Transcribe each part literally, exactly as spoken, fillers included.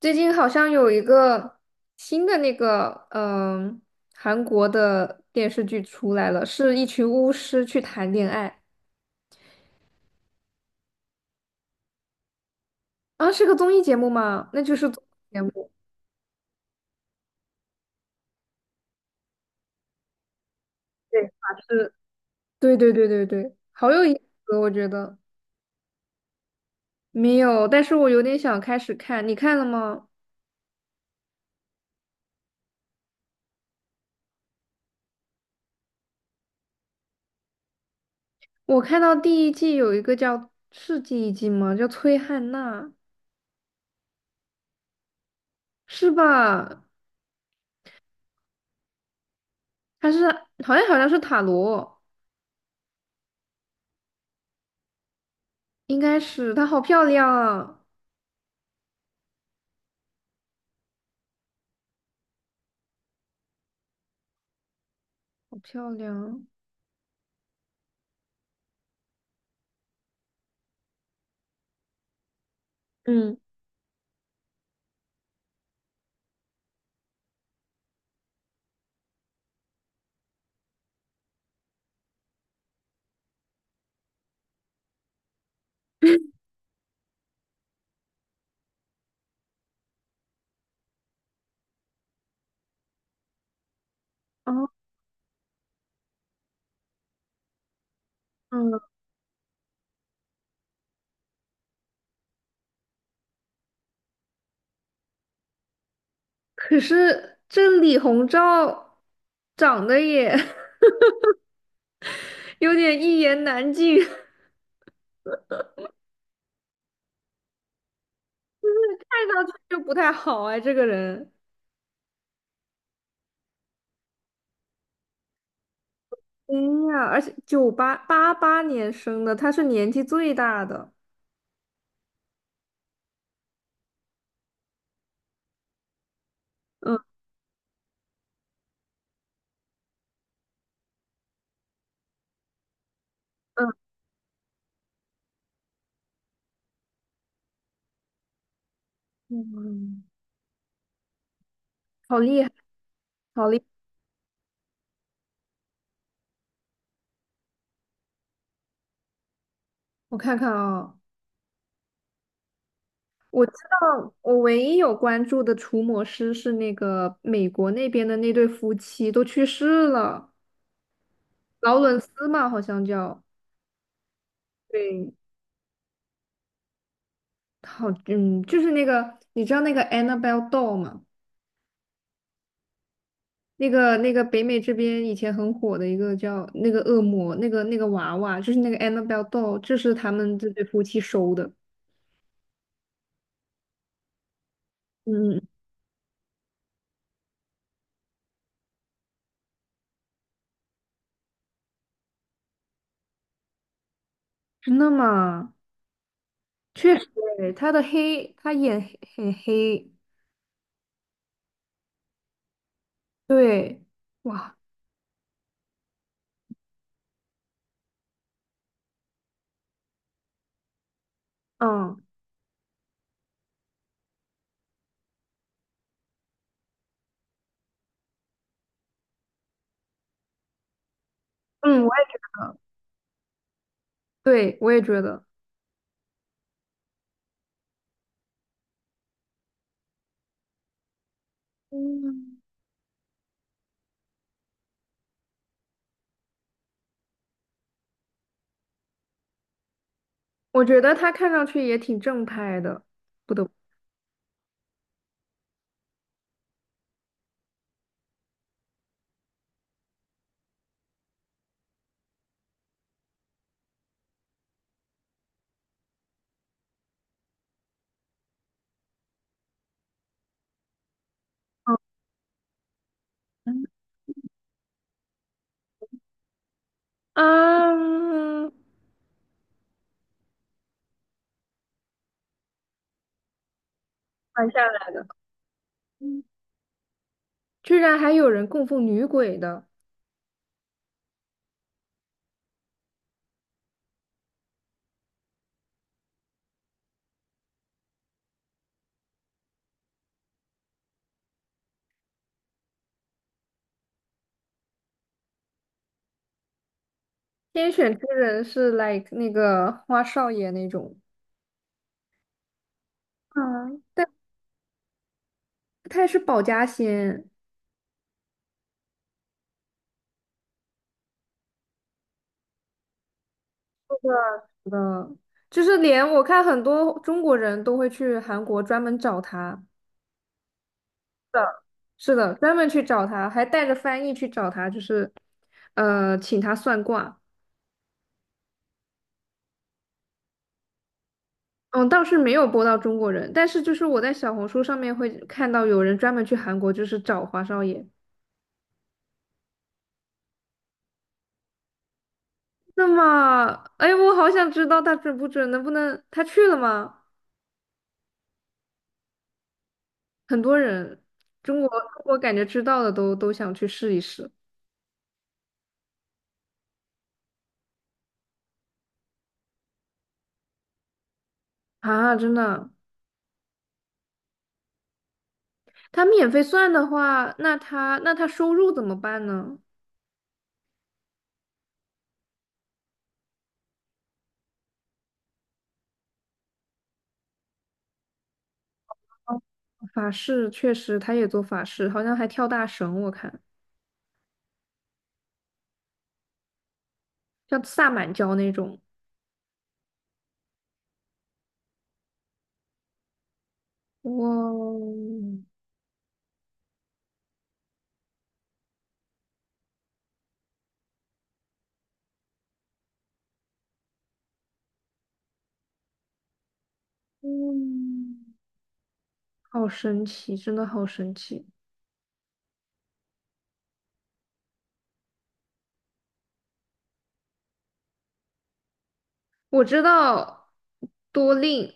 最近好像有一个新的那个，嗯、韩国的电视剧出来了，是一群巫师去谈恋爱。啊，是个综艺节目吗？那就是综艺节目。对，法师。对对对对对，好有意思，我觉得。没有，但是我有点想开始看，你看了吗？我看到第一季有一个叫，是第一季吗？叫崔汉娜，是吧？她是好像好像是塔罗，应该是她好漂亮啊，好漂亮啊。嗯。哦。嗯。可是这李鸿章长得也 有点一言难尽，看上去就不太好哎，这个人。哎呀，而且九八八八年生的，他是年纪最大的。嗯嗯嗯。好厉害，好厉害！我看看啊。哦，我唯一有关注的除魔师是那个美国那边的那对夫妻，都去世了，劳伦斯嘛，好像叫。对。好，嗯，就是那个，你知道那个 Annabelle doll 吗？那个那个北美这边以前很火的一个叫那个恶魔，那个那个娃娃，就是那个 Annabelle doll,这是他们这对夫妻收的。嗯。真的吗？确实诶，他的黑，他眼黑很黑。对。哇。嗯嗯。我也觉得。对，我也觉得。嗯。我觉得他看上去也挺正派的，不得不。嗯。嗯。买下来的。居然还有人供奉女鬼的。天选之人是 like 那个花少爷那种。嗯。他也是保家仙的，就是连我看很多中国人都会去韩国专门找他。是的，专门去找他，还带着翻译去找他，就是呃请他算卦。嗯，倒是没有播到中国人，但是就是我在小红书上面会看到有人专门去韩国就是找花少爷。那么，哎，我好想知道他准不准，能不能他去了吗？很多人。中国中国感觉知道的都都想去试一试。啊，真的。他免费算的话，那他那他收入怎么办呢？哦，法事确实，他也做法事，好像还跳大绳，我看像萨满教那种。哇哦。嗯。好神奇，真的好神奇。我知道多令。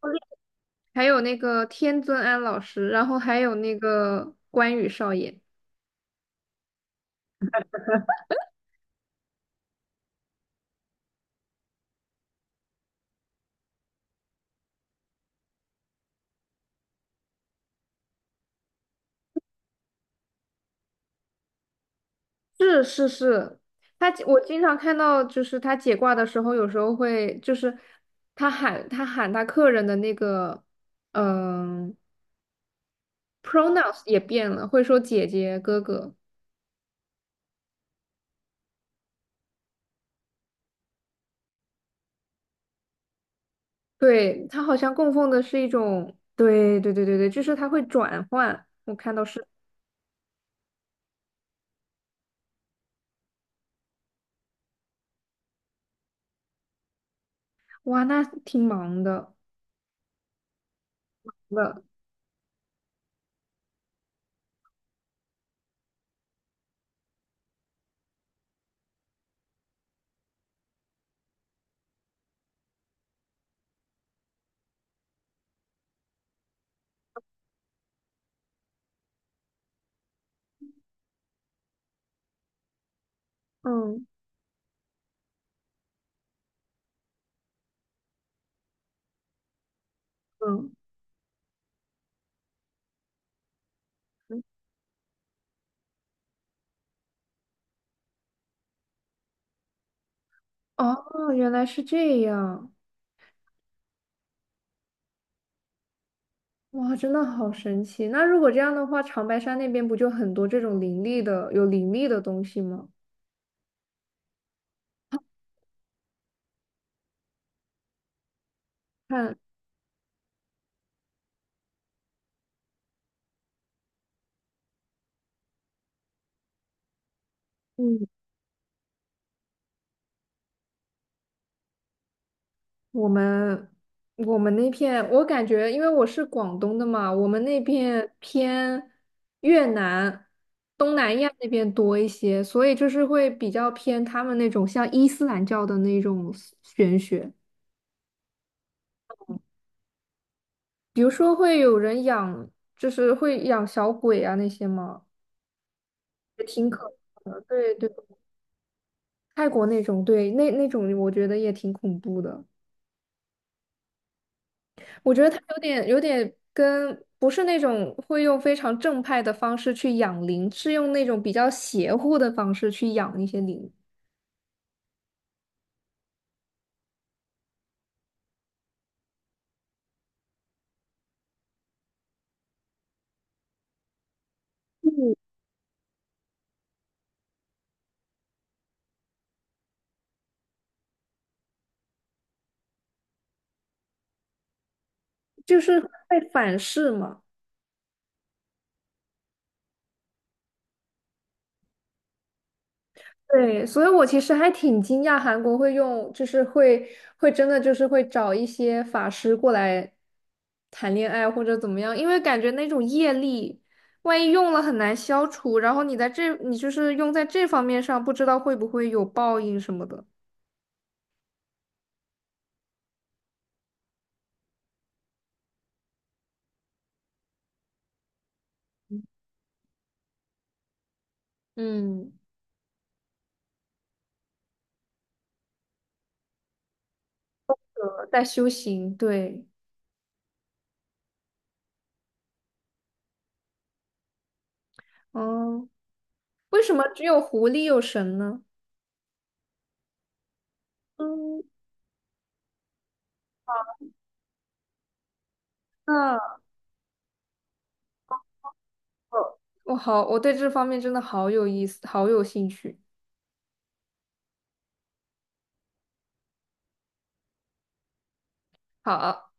多令，还有那个天尊安老师，然后还有那个关羽少爷。是是是，他我经常看到，就是他解卦的时候，有时候会就是他喊他喊他客人的那个嗯 pronouns 也变了，会说姐姐哥哥。对，他好像供奉的是一种，对对对对对，就是他会转换。哇，那挺忙的。的。嗯嗯。哦，原来是这样。哇，真的好神奇！那如果这样的话，长白山那边不就很多这种灵力的、有灵力的东西吗？看。嗯。我们我们那片，我感觉，因为我是广东的嘛，我们那片偏越南、东南亚那边多一些，所以就是会比较偏他们那种像伊斯兰教的那种玄学。比如说会有人养，就是会养小鬼啊那些嘛，也挺可的。对对，泰国那种。对，那那种我觉得也挺恐怖的。我觉得他有点有点跟不是那种会用非常正派的方式去养灵，是用那种比较邪乎的方式去养一些灵。嗯，就是会反噬嘛。对，所以我其实还挺惊讶韩国会用，就是会会真的就是会找一些法师过来谈恋爱或者怎么样，因为感觉那种业力，万一用了很难消除，然后你在这你就是用在这方面上，不知道会不会有报应什么的。嗯。在修行，对。哦，为什么只有狐狸有神呢？嗯，好，那我我好，我对这方面真的好有意思，好有兴趣。好。